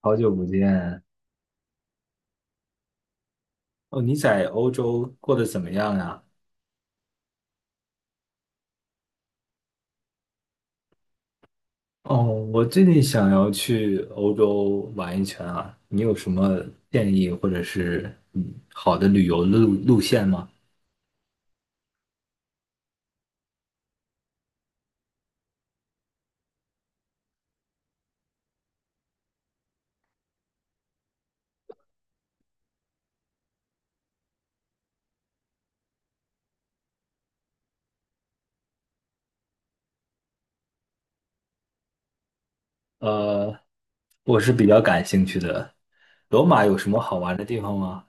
好久不见哦！你在欧洲过得怎么样呀？哦，我最近想要去欧洲玩一圈啊，你有什么建议或者是好的旅游路线吗？呃，我是比较感兴趣的。罗马有什么好玩的地方吗？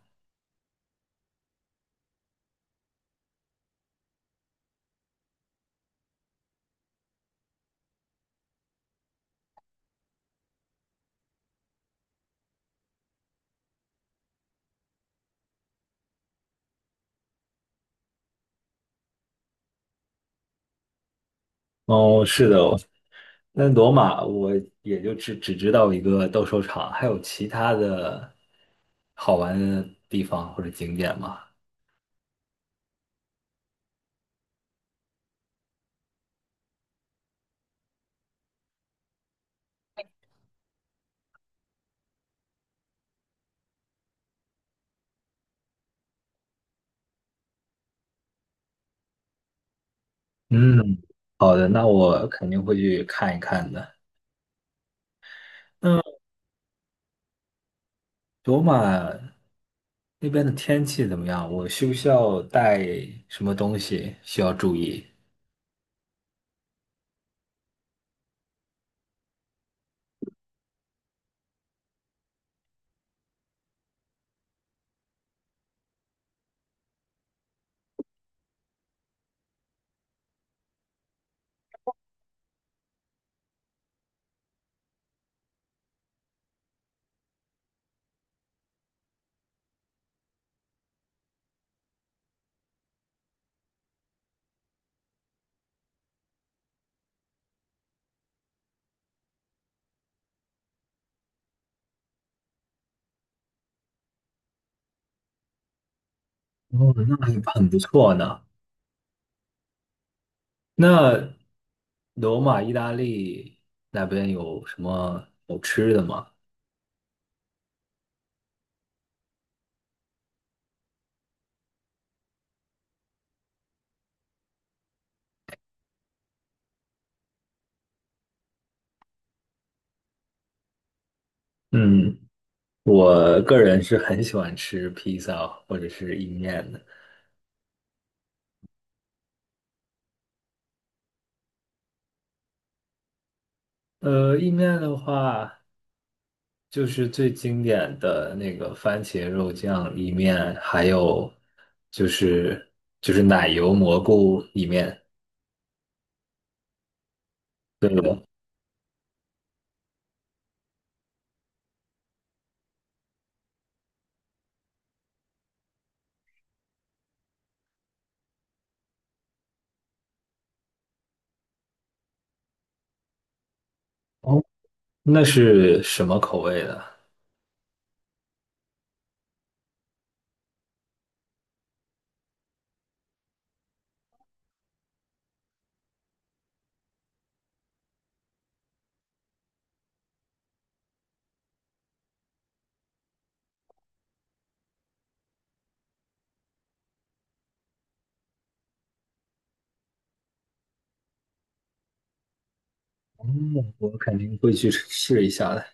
哦，是的，那罗马我也就只知道一个斗兽场，还有其他的好玩的地方或者景点吗？嗯，好的，那我肯定会去看一看的。那罗马那边的天气怎么样？我需不需要带什么东西需要注意？哦，那还很不错呢。那罗马、意大利那边有什么好吃的吗？嗯，我个人是很喜欢吃披萨或者是意面的。意面的话。就是最经典的那个番茄肉酱意面，还有就是就是奶油蘑菇意面，哦，那是什么口味的？嗯我肯定会去试一下的。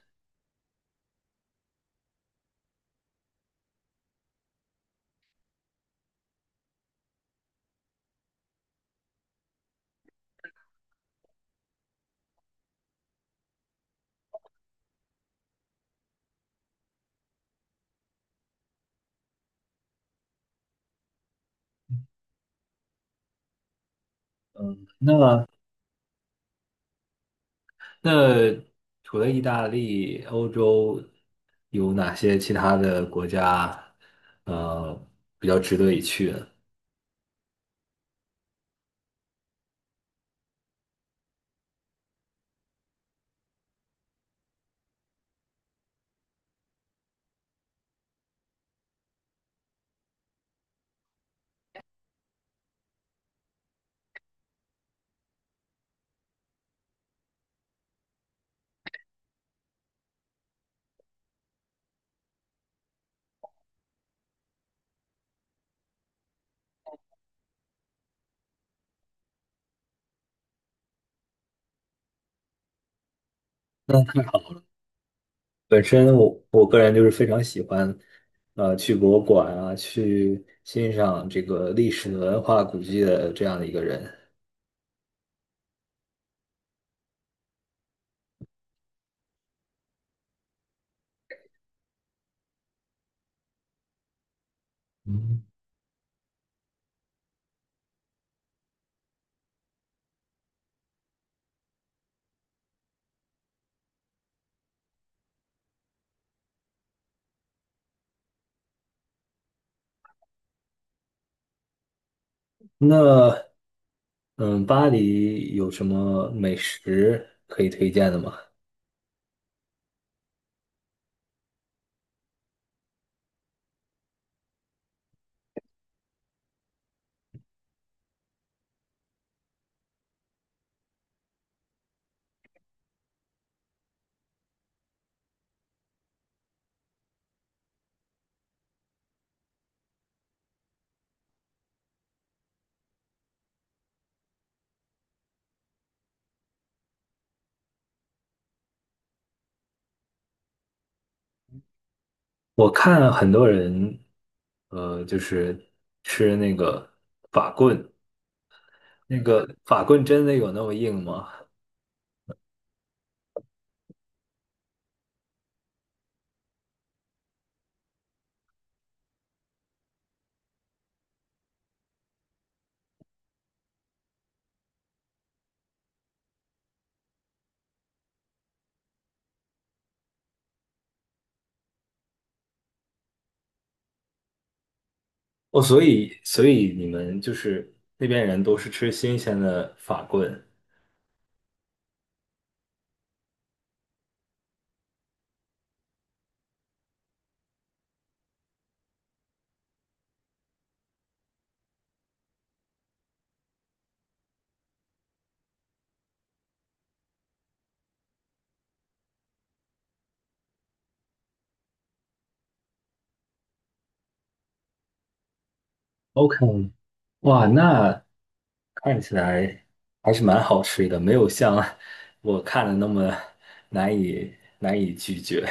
嗯，那除了意大利，欧洲有哪些其他的国家，呃，比较值得一去呢？本身我个人就是非常喜欢，去博物馆啊，去欣赏这个历史文化古迹的这样的一个人。嗯，那，嗯，巴黎有什么美食可以推荐的吗？我看很多人，就是吃那个法棍，那个法棍真的有那么硬吗？哦，所以你们就是那边人都是吃新鲜的法棍。OK,哇，那看起来还是蛮好吃的，没有像我看的那么难以拒绝。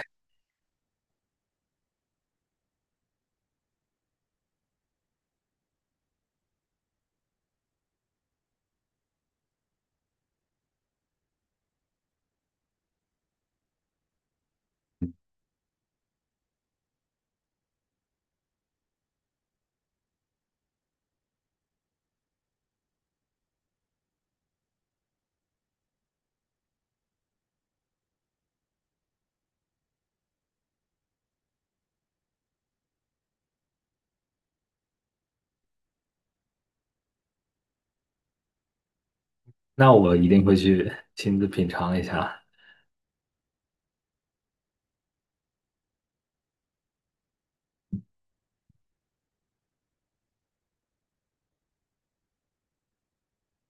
那我一定会去亲自品尝一下。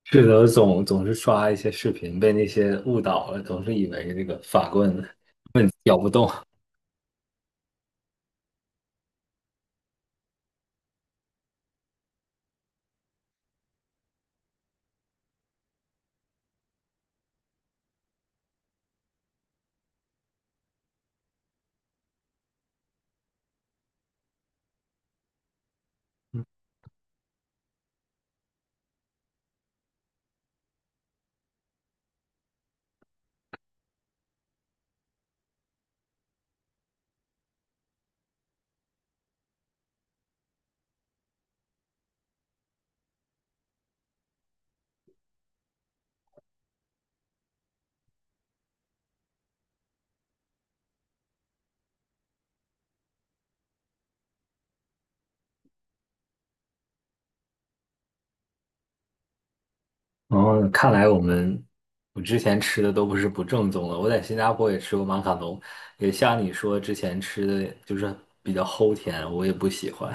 是的，总是刷一些视频，被那些误导了，总是以为这个法棍咬不动。然哦，看来我之前吃的都不是不正宗的。我在新加坡也吃过马卡龙，也像你说之前吃的就是比较齁甜，我也不喜欢。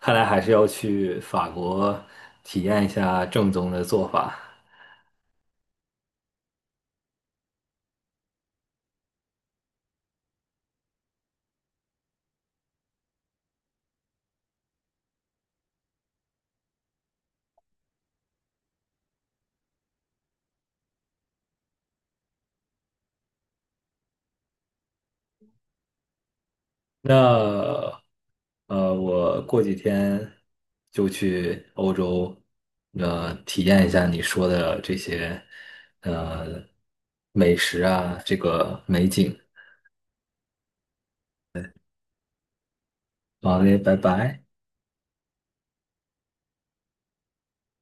看来还是要去法国体验一下正宗的做法。那我过几天就去欧洲，体验一下你说的这些呃美食啊，这个美景。好嘞，拜拜。